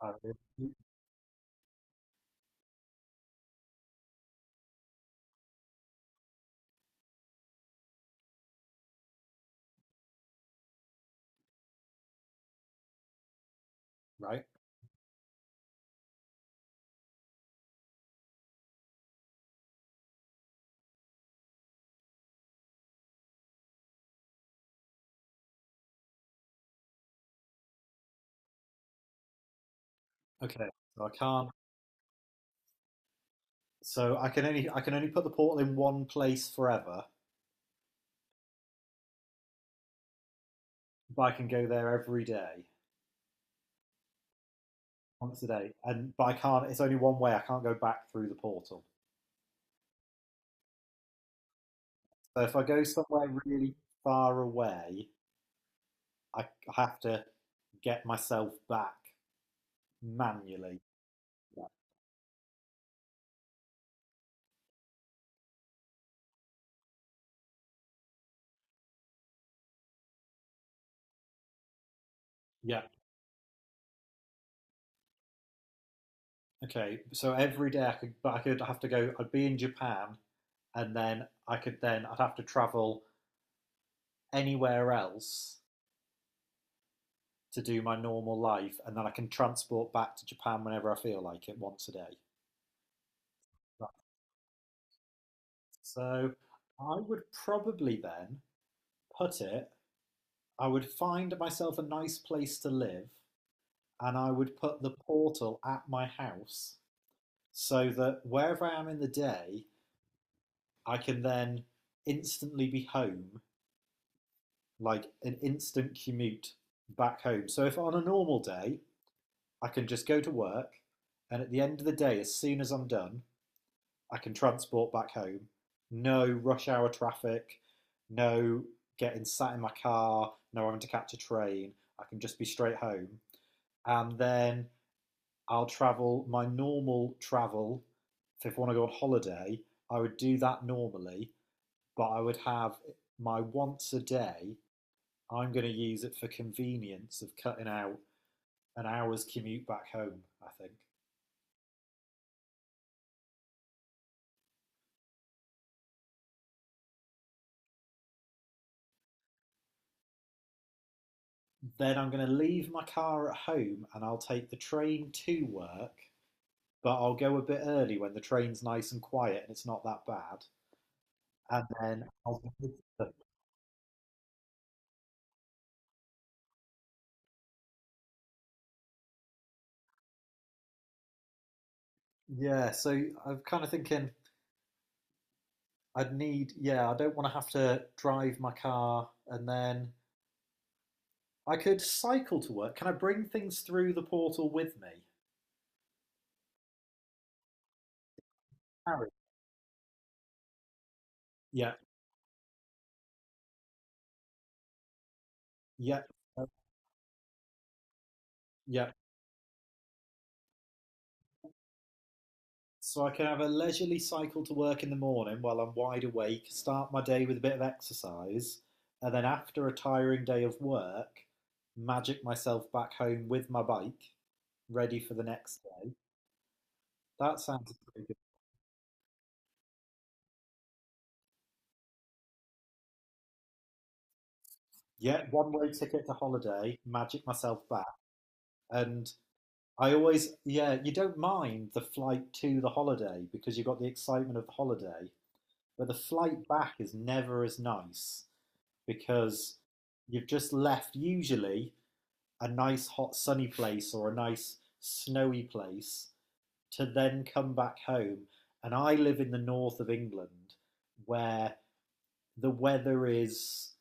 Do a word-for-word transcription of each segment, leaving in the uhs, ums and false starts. Uh, Right. Okay. So I can't. So I can only I can only put the portal in one place forever, but I can go there every day, once a day, and but I can't. It's only one way. I can't go back through the portal. So if I go somewhere really far away, I I have to get myself back manually. Yeah. Yeah. Okay. So every day I could, but I could have to go. I'd be in Japan, and then I could then I'd have to travel anywhere else to do my normal life, and then I can transport back to Japan whenever I feel like it once a day. Right. So I would probably then put it, I would find myself a nice place to live, and I would put the portal at my house so that wherever I am in the day, I can then instantly be home, like an instant commute back home. So if on a normal day, I can just go to work, and at the end of the day, as soon as I'm done, I can transport back home. No rush hour traffic, no getting sat in my car, no having to catch a train. I can just be straight home. And then I'll travel my normal travel. So if I want to go on holiday, I would do that normally, but I would have my once a day. I'm going to use it for convenience of cutting out an hour's commute back home, I think. Then I'm going to leave my car at home and I'll take the train to work, but I'll go a bit early when the train's nice and quiet and it's not that bad. And then I'll Yeah, so I'm kind of thinking, I'd need yeah, I don't want to have to drive my car, and then I could cycle to work. Can I bring things through the portal with me? Harry. Yeah, yeah, uh, yeah. So I can have a leisurely cycle to work in the morning while I'm wide awake, start my day with a bit of exercise, and then after a tiring day of work, magic myself back home with my bike, ready for the next day. That sounds pretty good. Yeah, one way ticket to holiday, magic myself back. And I always, yeah, you don't mind the flight to the holiday because you've got the excitement of the holiday, but the flight back is never as nice because you've just left usually a nice hot sunny place or a nice snowy place to then come back home. And I live in the north of England where the weather is,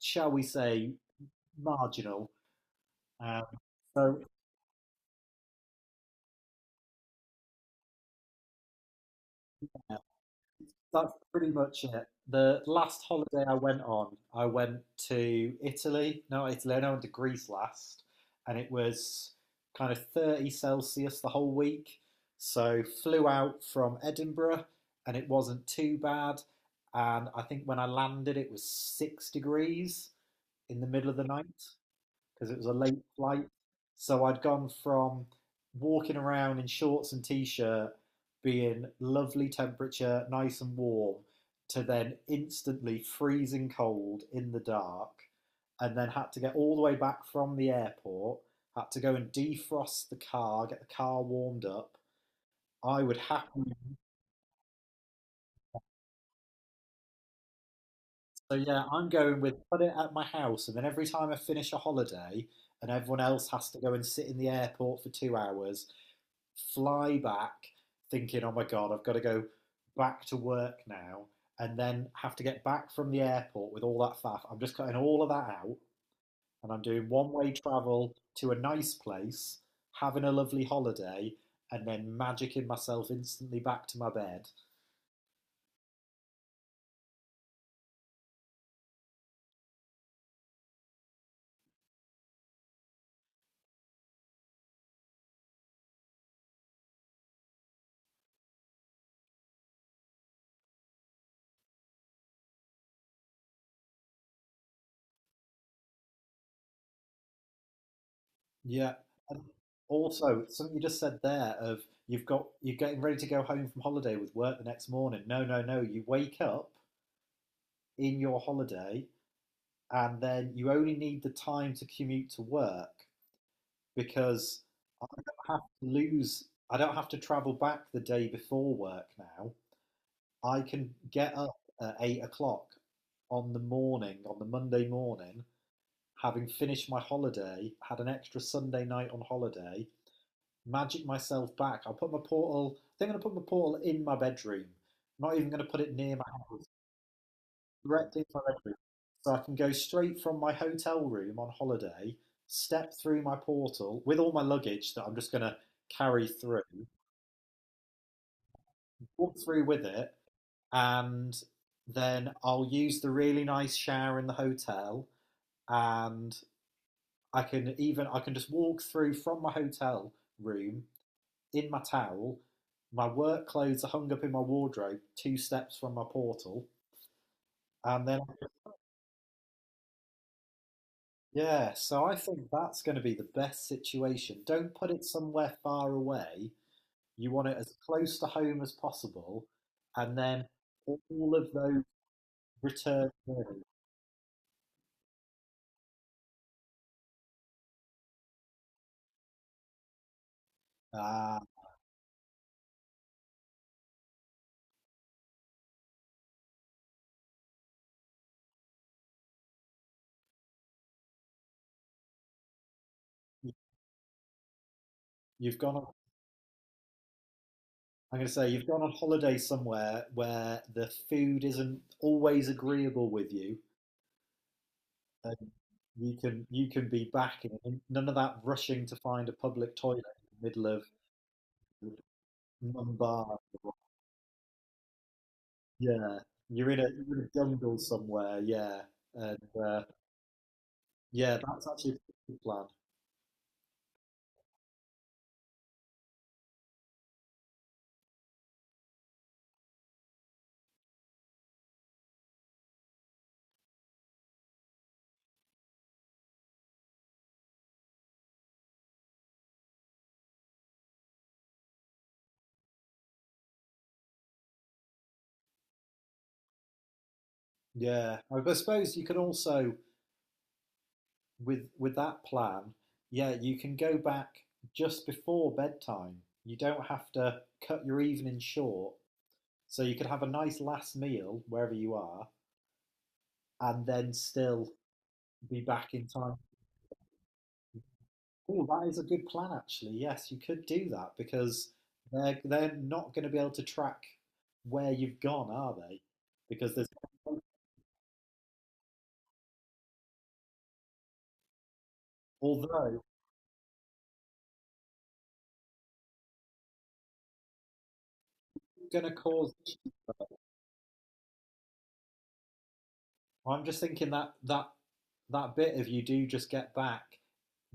shall we say, marginal. Um, so yeah, that's pretty much it. The last holiday I went on, I went to Italy. No, not Italy. I went to Greece last, and it was kind of 30 Celsius the whole week. So flew out from Edinburgh, and it wasn't too bad. And I think when I landed, it was six degrees in the middle of the night because it was a late flight. So I'd gone from walking around in shorts and t shirt, being lovely temperature, nice and warm, to then instantly freezing cold in the dark, and then had to get all the way back from the airport, had to go and defrost the car, get the car warmed up. I would happily. So yeah, I'm going with put it at my house, and then every time I finish a holiday, and everyone else has to go and sit in the airport for two hours, fly back thinking, oh my God, I've got to go back to work now and then have to get back from the airport with all that faff. I'm just cutting all of that out and I'm doing one way travel to a nice place, having a lovely holiday, and then magicking myself instantly back to my bed. Yeah. And also, something you just said there of you've got, you're getting ready to go home from holiday with work the next morning. No, no, no. You wake up in your holiday, and then you only need the time to commute to work because I don't have to lose, I don't have to travel back the day before work now. I can get up at eight o'clock on the morning, on the Monday morning, having finished my holiday, had an extra Sunday night on holiday, magic myself back. I'll put my portal, I think I'm going to put my portal in my bedroom. I'm not even going to put it near my house, directly from Edinburgh. So I can go straight from my hotel room on holiday, step through my portal with all my luggage that I'm just going to carry through, walk through with it, and then I'll use the really nice shower in the hotel, and I can even I can just walk through from my hotel room in my towel. My work clothes are hung up in my wardrobe, two steps from my portal, and then yeah, so I think that's going to be the best situation. Don't put it somewhere far away. You want it as close to home as possible, and then all of those return journeys. Ah, you've gone on, I'm going to say you've gone on holiday somewhere where the food isn't always agreeable with you, and you can you can be back, in none of that rushing to find a public toilet in the middle of Mumbai. Yeah, you're in a you're in a jungle somewhere. Yeah, and uh, yeah, that's actually a good plan. Yeah, I I suppose you can also, with with that plan, yeah, you can go back just before bedtime. You don't have to cut your evening short, so you could have a nice last meal wherever you are, and then still be back in time. Oh, that is a good plan, actually. Yes, you could do that because they're they're not going to be able to track where you've gone, are they? Because there's, although it's going to cause. I'm just thinking that that that bit, if you do just get back.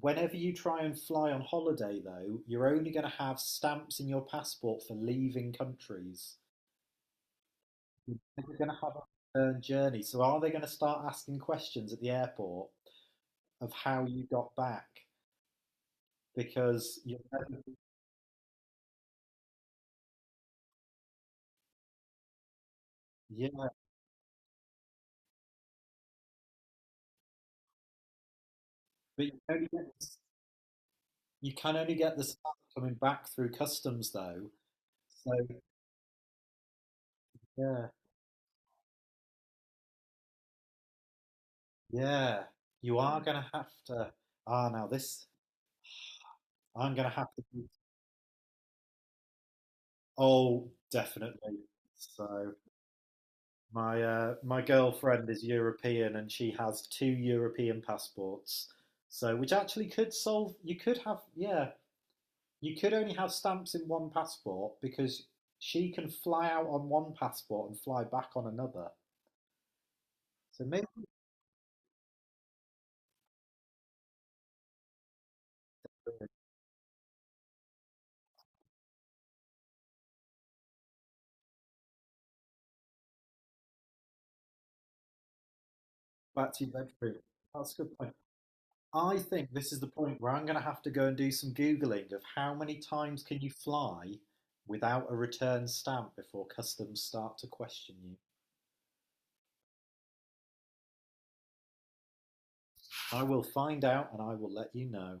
Whenever you try and fly on holiday, though, you're only going to have stamps in your passport for leaving countries. You're going to have a return journey. So are they going to start asking questions at the airport of how you got back? Because you Yeah, but you can only get you can only get the stuff coming back through customs though. So yeah, yeah, you are gonna have to. Ah, now this, I'm gonna have to do- Oh, definitely. So my uh, my girlfriend is European and she has two European passports. So which actually could solve. You could have, yeah. You could only have stamps in one passport because she can fly out on one passport and fly back on another. So maybe back to your bedroom. That's a good point. I think this is the point where I'm going to have to go and do some googling of how many times can you fly without a return stamp before customs start to question you. I will find out and I will let you know.